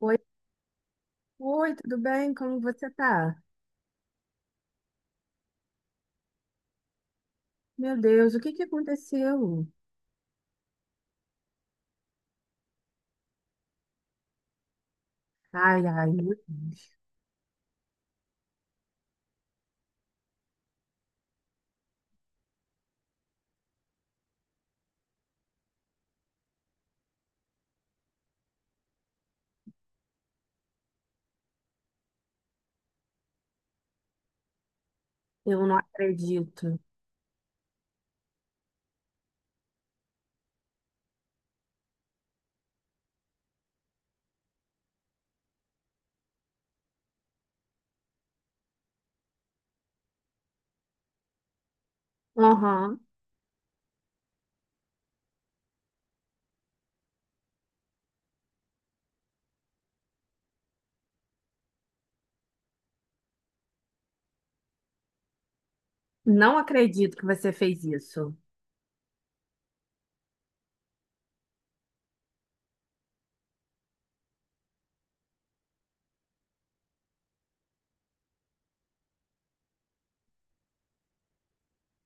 Oi, oi, tudo bem? Como você tá? Meu Deus, o que que aconteceu? Ai, ai, meu Deus, eu não acredito. Aham. Não acredito que você fez isso.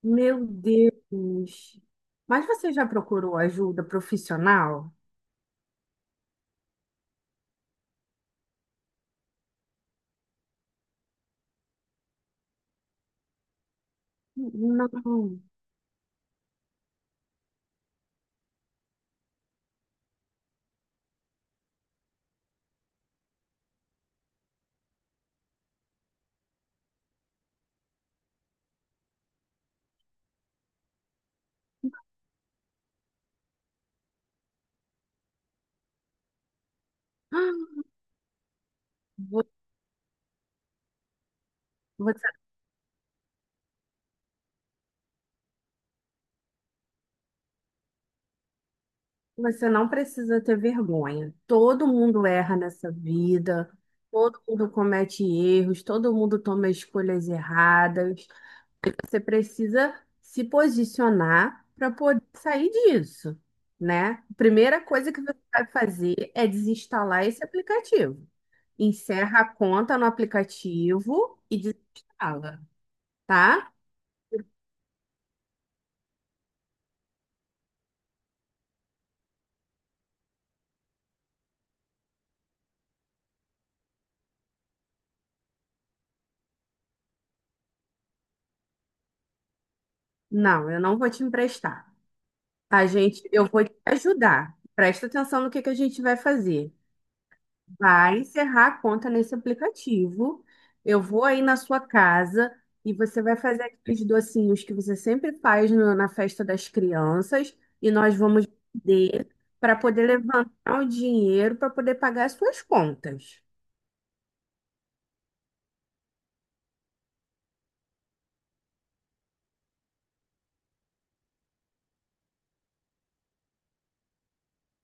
Meu Deus. Mas você já procurou ajuda profissional? Não. Vo- Você, você não precisa ter vergonha. Todo mundo erra nessa vida, todo mundo comete erros, todo mundo toma escolhas erradas. Você precisa se posicionar para poder sair disso, né? A primeira coisa que você vai fazer é desinstalar esse aplicativo. Encerra a conta no aplicativo e desinstala, tá? Não, eu não vou te emprestar. A gente, eu vou te ajudar. Presta atenção no que a gente vai fazer. Vai encerrar a conta nesse aplicativo. Eu vou aí na sua casa e você vai fazer aqueles docinhos que você sempre faz na festa das crianças e nós vamos vender para poder levantar o dinheiro para poder pagar as suas contas.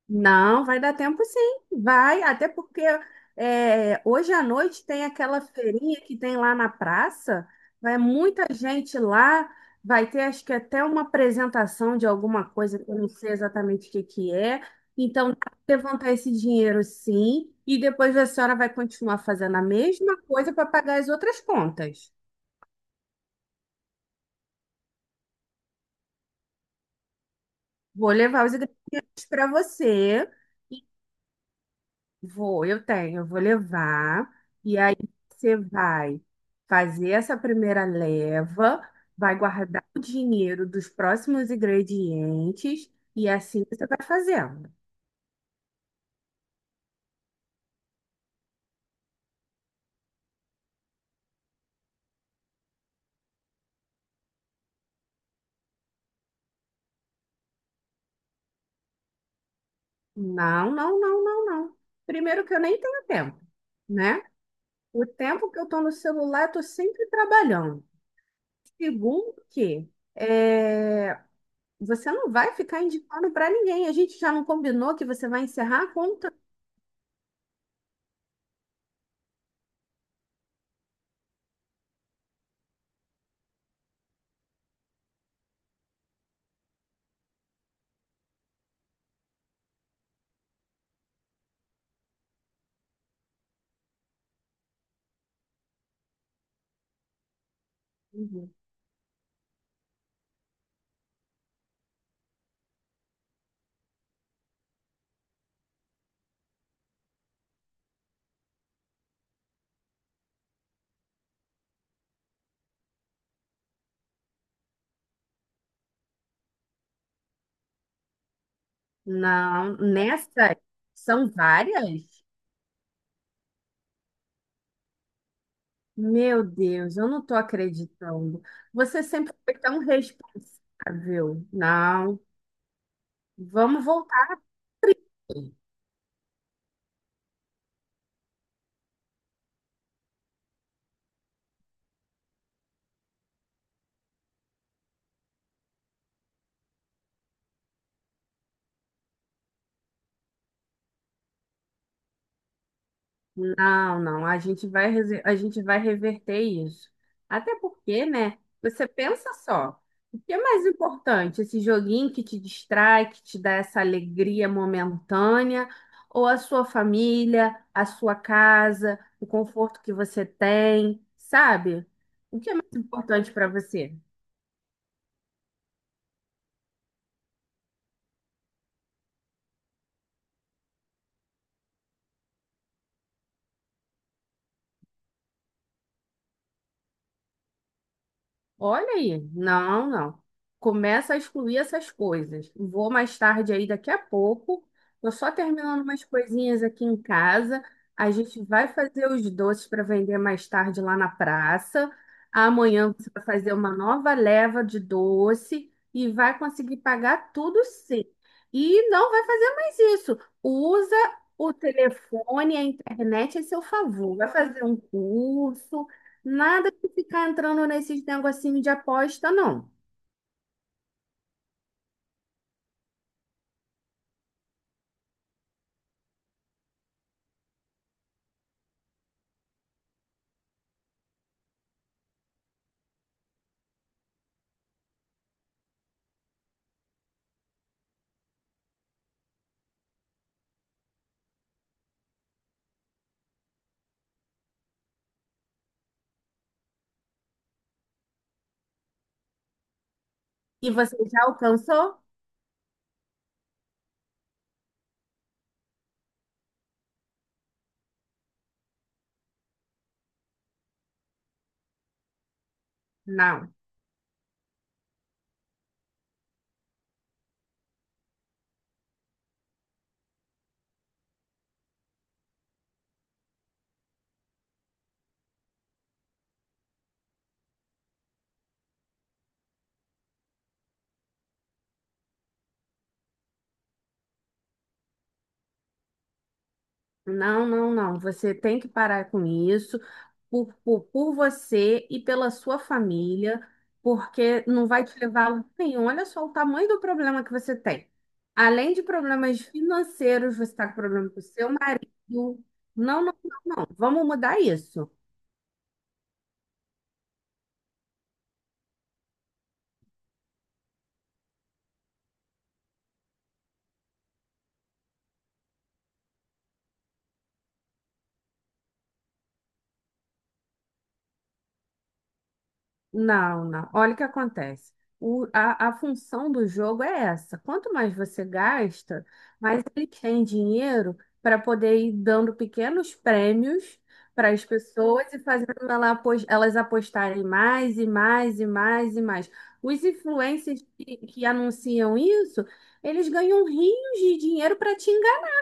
Não, vai dar tempo sim, vai, até porque hoje à noite tem aquela feirinha que tem lá na praça, vai muita gente lá, vai ter acho que até uma apresentação de alguma coisa que eu não sei exatamente o que que é, então dá pra levantar esse dinheiro sim, e depois a senhora vai continuar fazendo a mesma coisa para pagar as outras contas. Vou levar os ingredientes para você. Vou, eu tenho, eu vou levar. E aí você vai fazer essa primeira leva, vai guardar o dinheiro dos próximos ingredientes e assim você vai fazendo. Não, não, não, não, não. Primeiro que eu nem tenho tempo, né? O tempo que eu tô no celular, eu tô sempre trabalhando. Segundo que é, você não vai ficar indicando para ninguém. A gente já não combinou que você vai encerrar a conta. Não, nessa são várias? Meu Deus, eu não tô acreditando. Você sempre foi tão responsável. Não, vamos voltar. Não, não, a gente vai, a gente vai reverter isso. Até porque, né? Você pensa só, o que é mais importante? Esse joguinho que te distrai, que te dá essa alegria momentânea, ou a sua família, a sua casa, o conforto que você tem, sabe? O que é mais importante para você? Olha aí, não, não. Começa a excluir essas coisas. Vou mais tarde aí, daqui a pouco. Tô só terminando umas coisinhas aqui em casa. A gente vai fazer os doces para vender mais tarde lá na praça. Amanhã você vai fazer uma nova leva de doce e vai conseguir pagar tudo sim. E não vai fazer mais isso. Usa o telefone, a internet a seu favor. Vai fazer um curso. Nada de ficar entrando nesses negocinhos de aposta, não. E você já alcançou? Não. Não, não, não. Você tem que parar com isso por você e pela sua família, porque não vai te levar a lugar nenhum. Olha só o tamanho do problema que você tem. Além de problemas financeiros, você está com problema com o seu marido. Não, não, não, não. Vamos mudar isso. Não, não. Olha o que acontece. A função do jogo é essa. Quanto mais você gasta, mais ele tem dinheiro para poder ir dando pequenos prêmios para as pessoas e fazendo elas apostarem mais e mais e mais e mais. Os influencers que anunciam isso, eles ganham rios de dinheiro para te enganar.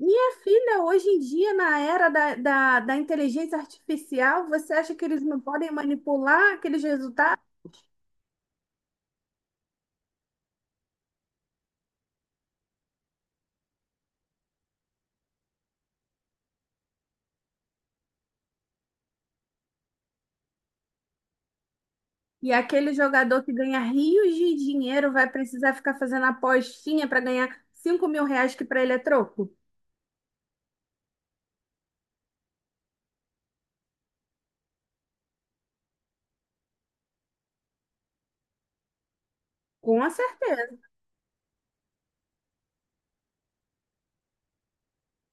Minha filha, hoje em dia, na era da inteligência artificial, você acha que eles não podem manipular aqueles resultados? E aquele jogador que ganha rios de dinheiro vai precisar ficar fazendo apostinha para ganhar R$ 5.000 que para ele é troco? Com certeza.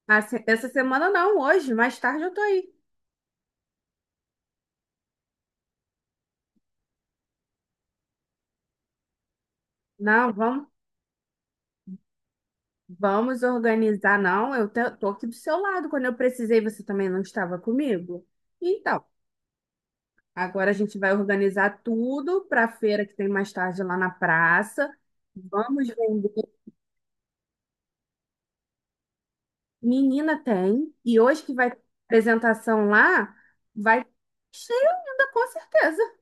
Assim, essa semana não, hoje, mais tarde eu tô aí. Não, vamos, vamos organizar, não. Tô aqui do seu lado. Quando eu precisei, você também não estava comigo. Então, agora a gente vai organizar tudo para a feira que tem mais tarde lá na praça. Vamos vender. Menina tem. E hoje que vai ter apresentação lá, vai cheio ainda, com certeza.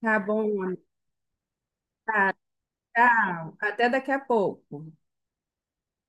Tá bom, amiga. Tá, tchau. Até daqui a pouco.